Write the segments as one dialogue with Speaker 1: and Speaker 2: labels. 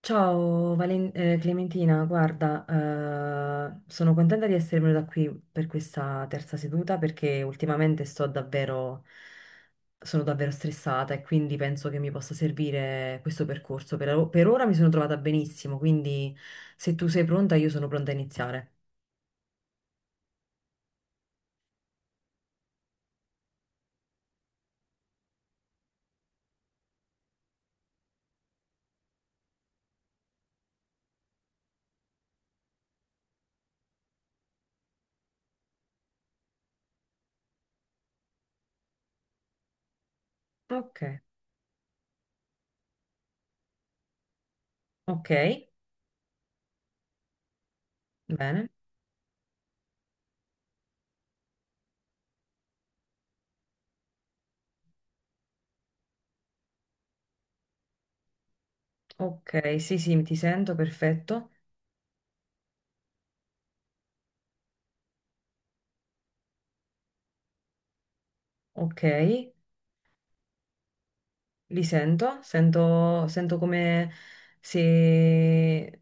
Speaker 1: Ciao Clementina, guarda, sono contenta di essere venuta qui per questa terza seduta perché ultimamente sto davvero, sono davvero stressata e quindi penso che mi possa servire questo percorso. Per ora mi sono trovata benissimo, quindi se tu sei pronta io sono pronta a iniziare. Ok. Ok, bene. Ok, sì sì, ti sento, perfetto. Ok. Li sento, sento, sento come se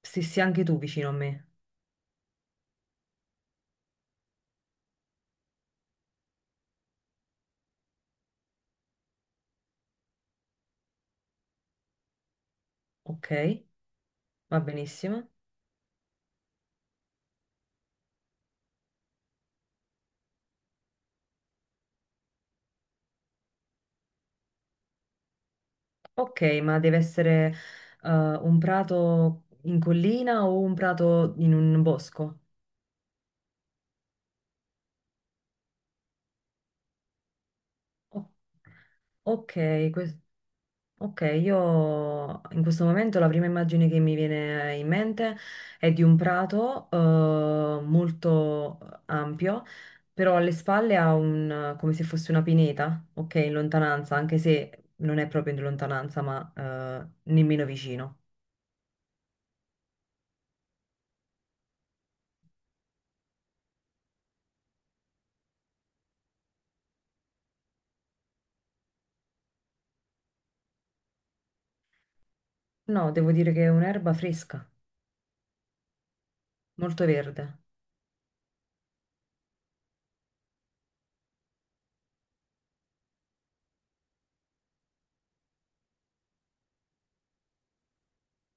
Speaker 1: stessi anche tu vicino a me. Ok, va benissimo. Ok, ma deve essere un prato in collina o un prato in un bosco? O- ok, questo. Ok, io in questo momento la prima immagine che mi viene in mente è di un prato molto ampio, però alle spalle ha un, come se fosse una pineta, ok, in lontananza, anche se non è proprio in lontananza, ma nemmeno vicino. No, devo dire che è un'erba fresca, molto verde.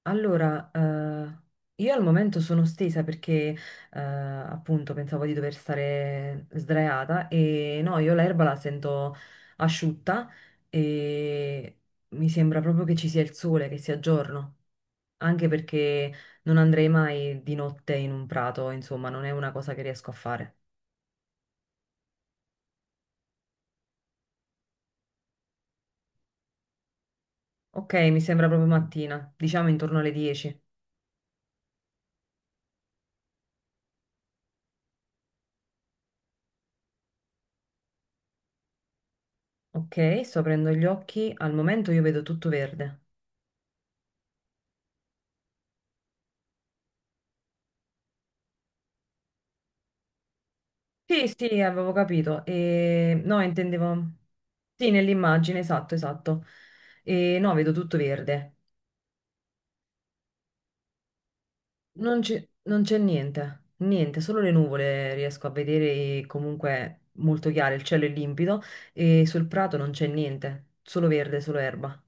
Speaker 1: Allora, eh, io al momento sono stesa perché appunto pensavo di dover stare sdraiata e no, io l'erba la sento asciutta e mi sembra proprio che ci sia il sole, che sia giorno, anche perché non andrei mai di notte in un prato, insomma, non è una cosa che riesco a fare. Ok, mi sembra proprio mattina, diciamo intorno alle 10. Ok, sto aprendo gli occhi, al momento io vedo tutto verde. Sì, sì, avevo capito. E... No, intendevo... Sì, nell'immagine, esatto, esatto. E no, vedo tutto verde. Non c'è niente, niente, solo le nuvole riesco a vedere e comunque molto chiare, il cielo è limpido e sul prato non c'è niente, solo verde, solo erba.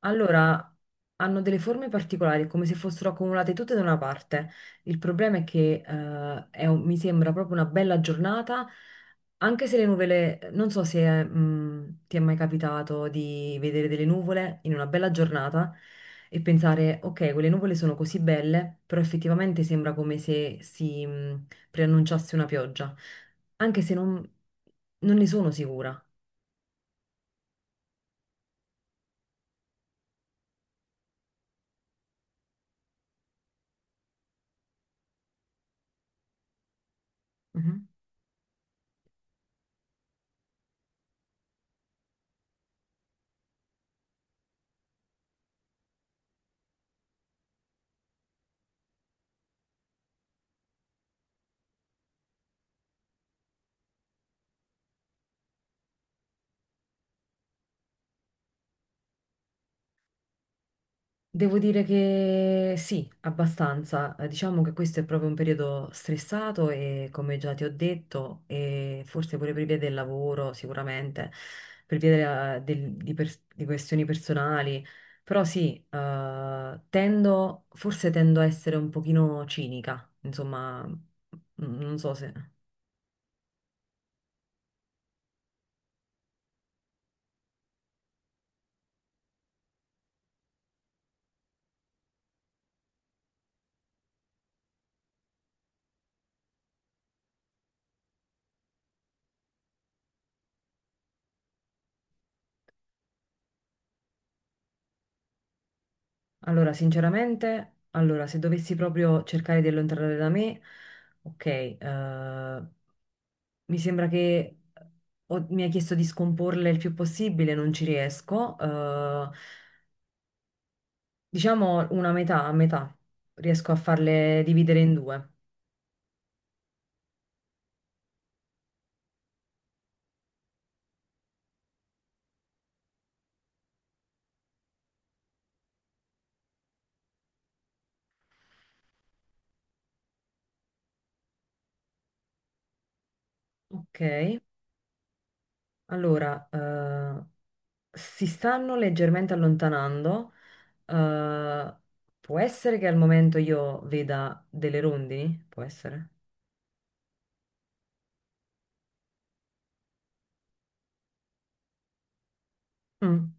Speaker 1: Allora, hanno delle forme particolari, è come se fossero accumulate tutte da una parte. Il problema è che è un- mi sembra proprio una bella giornata, anche se le nuvole, non so se ti è mai capitato di vedere delle nuvole in una bella giornata e pensare, ok, quelle nuvole sono così belle, però effettivamente sembra come se si preannunciasse una pioggia, anche se non, non ne sono sicura. Mhm. Devo dire che sì, abbastanza. Diciamo che questo è proprio un periodo stressato e come già ti ho detto, e forse pure per via del lavoro, sicuramente, per via della- del- di, pers- di questioni personali. Però sì, tendo, forse tendo a essere un pochino cinica, insomma, mm, non so se... Allora, sinceramente, allora, se dovessi proprio cercare di allontanare da me, ok, mi sembra che mi ha chiesto di scomporle il più possibile, non ci riesco. Diciamo una metà, a metà, riesco a farle dividere in due. Ok, allora, si stanno leggermente allontanando. eh, Può essere che al momento io veda delle rondini? Può essere. Mm.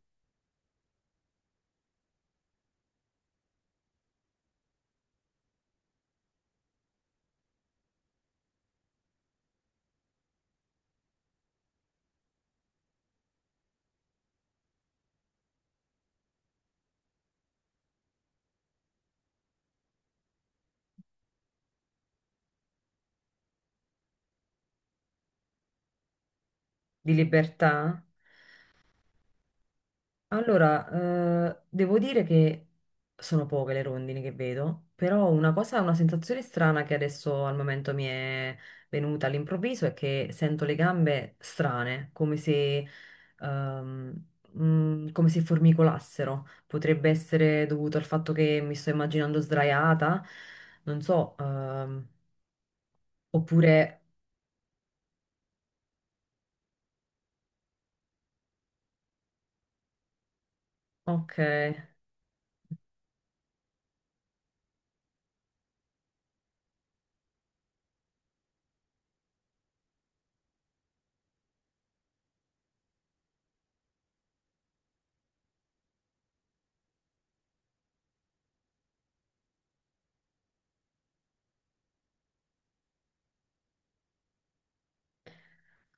Speaker 1: Di libertà? Allora, devo dire che sono poche le rondini che vedo, però una cosa, una sensazione strana che adesso al momento mi è venuta all'improvviso è che sento le gambe strane, come se, ehm, come se formicolassero. Potrebbe essere dovuto al fatto che mi sto immaginando sdraiata, non so, oppure, ok,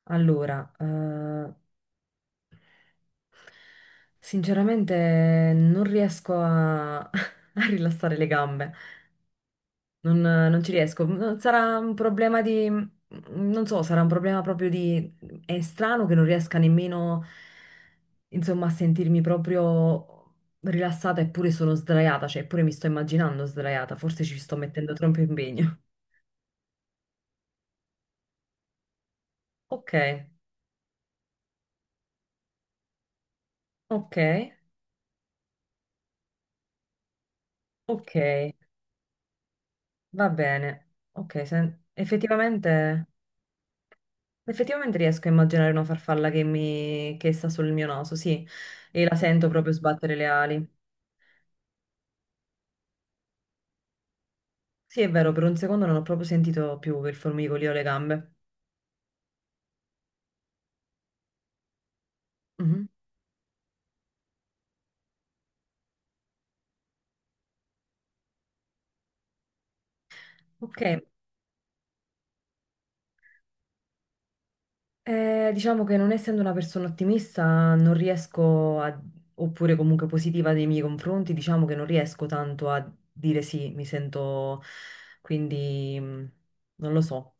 Speaker 1: allora, sinceramente non riesco a, a rilassare le gambe, non ci riesco. No, sarà un problema di, non so, sarà un problema proprio di... È strano che non riesca nemmeno, insomma, a sentirmi proprio rilassata eppure sono sdraiata, cioè eppure mi sto immaginando sdraiata, forse ci sto mettendo troppo impegno. Ok, ok, ok, va bene. Ok, effettivamente... Effettivamente riesco a immaginare una farfalla che, mi... che sta sul mio naso, sì, e la sento proprio sbattere le ali. Sì, è vero, per un secondo non ho proprio sentito più il formicolio o le gambe. Mhm. Ok, eh, diciamo che non essendo una persona ottimista, non riesco a... oppure comunque positiva nei miei confronti, diciamo che non riesco tanto a dire sì, mi sento... quindi mm, non lo so.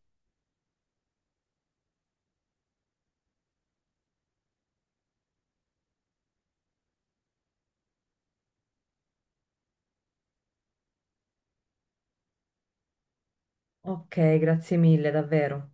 Speaker 1: Ok, grazie mille, davvero.